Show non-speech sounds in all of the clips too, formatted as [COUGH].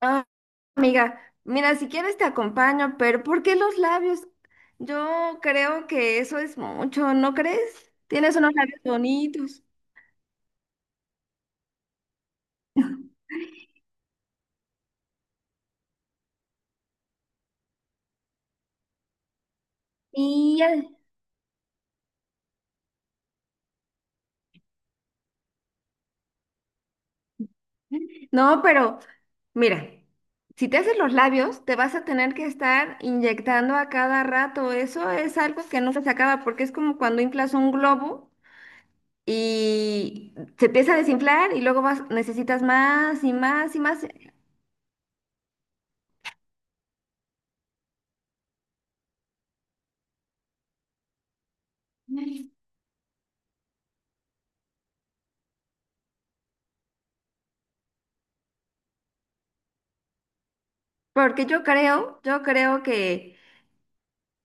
Ah, amiga, mira, si quieres te acompaño, pero ¿por qué los labios? Yo creo que eso es mucho, ¿no crees? Tienes unos labios bonitos. Y al- No, pero mira, si te haces los labios, te vas a tener que estar inyectando a cada rato. Eso es algo que nunca se acaba porque es como cuando inflas un globo y se empieza a desinflar y luego vas, necesitas más y más y más. Porque yo creo que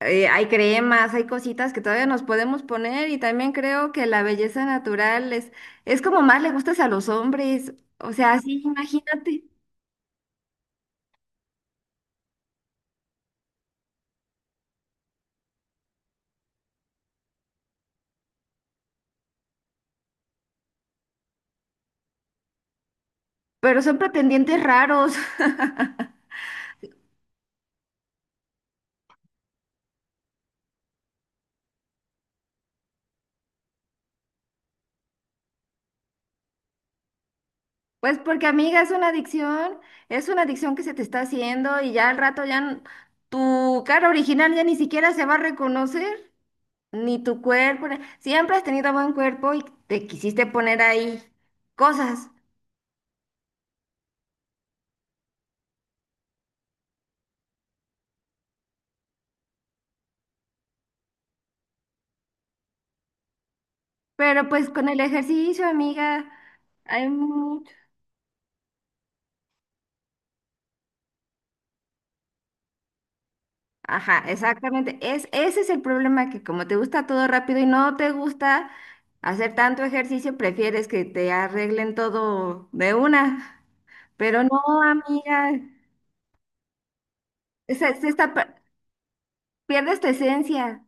hay cremas, hay cositas que todavía nos podemos poner, y también creo que la belleza natural es como más le gustas a los hombres, o sea, sí, imagínate, pero son pretendientes raros. [LAUGHS] Pues porque amiga, es una adicción que se te está haciendo, y ya al rato ya tu cara original ya ni siquiera se va a reconocer, ni tu cuerpo, ni- siempre has tenido buen cuerpo y te quisiste poner ahí cosas. Pero pues con el ejercicio, amiga, hay mucho. Ajá, exactamente. Es, ese es el problema, que como te gusta todo rápido y no te gusta hacer tanto ejercicio, prefieres que te arreglen todo de una. Pero no, amiga, se, se está per- pierdes tu esencia.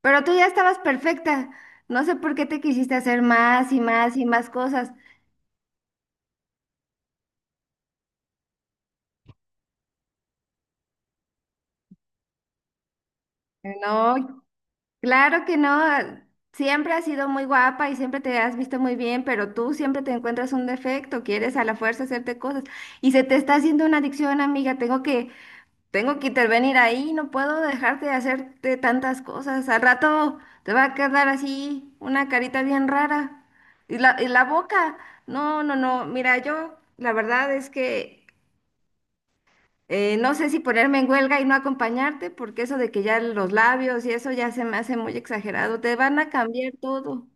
Pero tú ya estabas perfecta. No sé por qué te quisiste hacer más y más y más cosas. No, claro que no, ah, siempre has sido muy guapa y siempre te has visto muy bien, pero tú siempre te encuentras un defecto, quieres a la fuerza hacerte cosas y se te está haciendo una adicción, amiga, tengo que intervenir ahí, no puedo dejarte de hacerte tantas cosas, al rato te va a quedar así una carita bien rara y la boca, no, no, no, mira, yo la verdad es que no sé si ponerme en huelga y no acompañarte, porque eso de que ya los labios y eso ya se me hace muy exagerado. Te van a cambiar todo.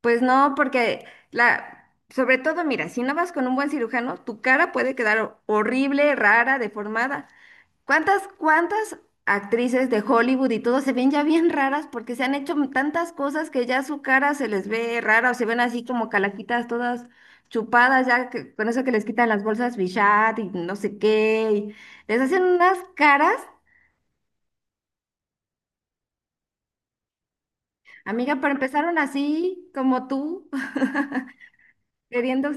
Pues no, porque la, sobre todo, mira, si no vas con un buen cirujano, tu cara puede quedar horrible, rara, deformada. ¿Cuántas actrices de Hollywood y todo se ven ya bien raras porque se han hecho tantas cosas que ya su cara se les ve rara, o se ven así como calaquitas todas chupadas ya que- con eso que les quitan las bolsas Bichat y no sé qué, y les hacen unas caras, amiga, pero empezaron así como tú [LAUGHS] queriendo.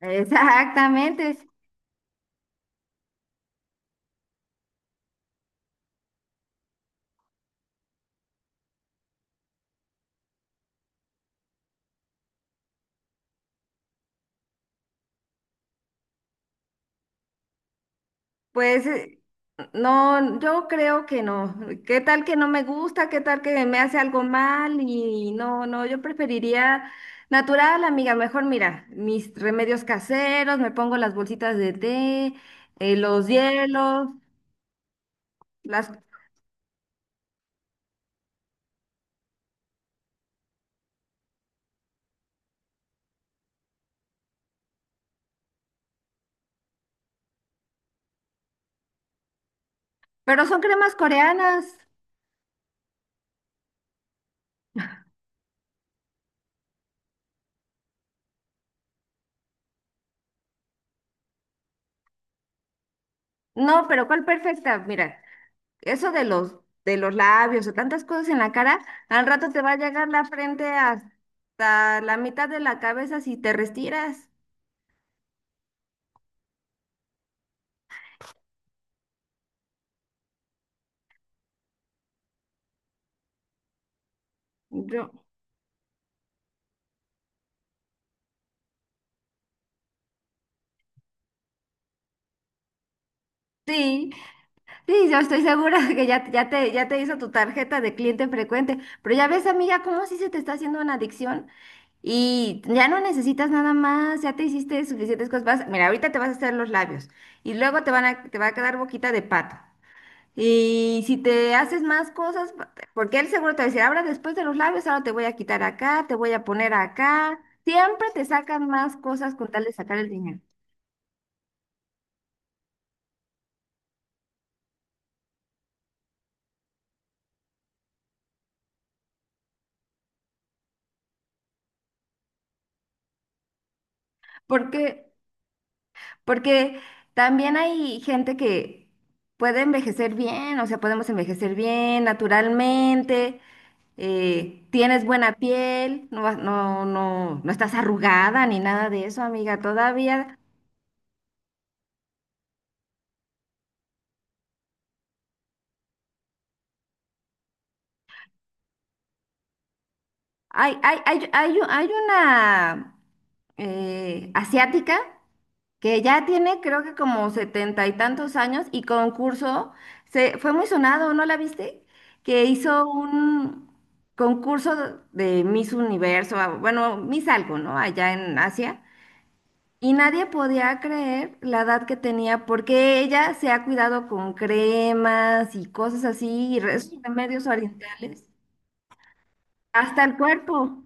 Exactamente. Pues no, yo creo que no. ¿Qué tal que no me gusta? ¿Qué tal que me hace algo mal? Y no, no, yo preferiría natural, amiga. Mejor mira, mis remedios caseros, me pongo las bolsitas de té, los hielos, las... Pero son cremas coreanas. No, pero ¿cuál perfecta? Mira, eso de los labios o tantas cosas en la cara, al rato te va a llegar la frente hasta la mitad de la cabeza si te restiras. Yo, sí, sí, yo estoy segura [LAUGHS] que ya te hizo tu tarjeta de cliente frecuente, pero ya ves, amiga, cómo sí se te está haciendo una adicción, y ya no necesitas nada más, ya te hiciste suficientes cosas. Vas- mira, ahorita te vas a hacer los labios y luego te van a, te va a quedar boquita de pato. Y si te haces más cosas, pa- porque él seguro te va a decir, ahora después de los labios, ahora te voy a quitar acá, te voy a poner acá. Siempre te sacan más cosas con tal de sacar el dinero. Porque Porque también hay gente que puede envejecer bien, o sea, podemos envejecer bien naturalmente, tienes buena piel, no, vas- no, no, no estás arrugada ni nada de eso, amiga, todavía. Hay una asiática que ya tiene creo que como 70 y tantos años, y concurso, se, fue muy sonado, ¿no la viste? Que hizo un concurso de Miss Universo, ah, bueno, Miss algo, ¿no? Allá en Asia. Y nadie podía creer la edad que tenía porque ella se ha cuidado con cremas y cosas así, y re- esos remedios orientales, hasta el cuerpo.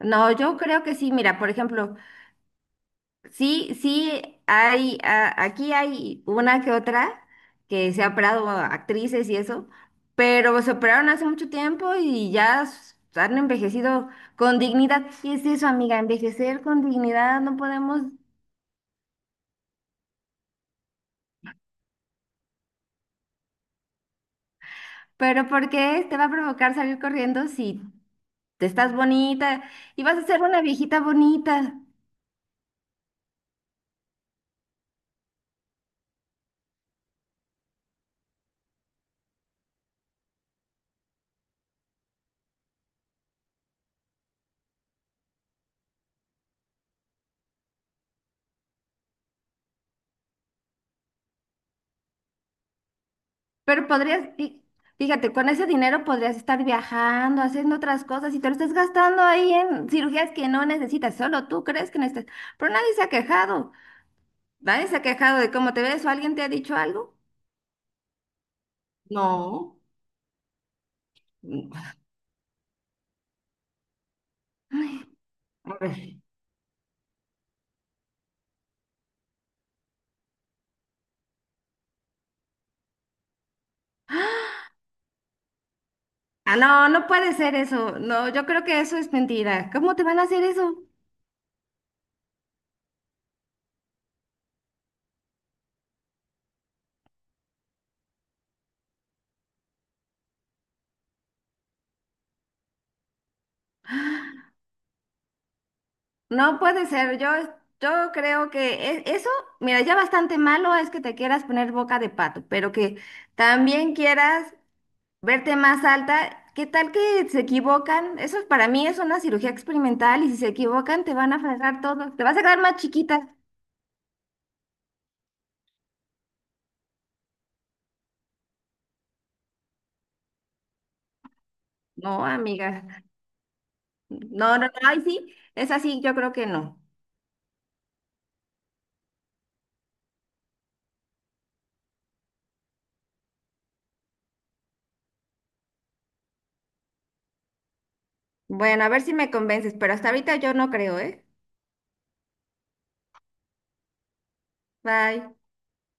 No, yo creo que sí, mira, por ejemplo, sí, sí, hay, a- aquí hay una que otra que se ha operado actrices y eso, pero se operaron hace mucho tiempo y ya s- han envejecido con dignidad. Y es eso, amiga, envejecer con dignidad no podemos, pero ¿por qué te va a provocar salir corriendo si te estás bonita y vas a ser una viejita bonita? Pero podrías, fíjate, con ese dinero podrías estar viajando, haciendo otras cosas, y te lo estás gastando ahí en cirugías que no necesitas, solo tú crees que necesitas. Pero nadie se ha quejado de cómo te ves, o alguien te ha dicho algo. No, mm, a ver, ah, no, no puede ser eso. No, yo creo que eso es mentira. ¿Cómo te van a hacer eso? No puede ser. Yo creo que eso, mira, ya bastante malo es que te quieras poner boca de pato, pero que también quieras verte más alta, ¿qué tal que se equivocan? Eso para mí es una cirugía experimental y si se equivocan te van a fracasar todo, te vas a quedar más chiquita. No, amiga, no, no, no, ay, sí, es así, yo creo que no. Bueno, a ver si me convences, pero hasta ahorita yo no creo, ¿eh? Bye.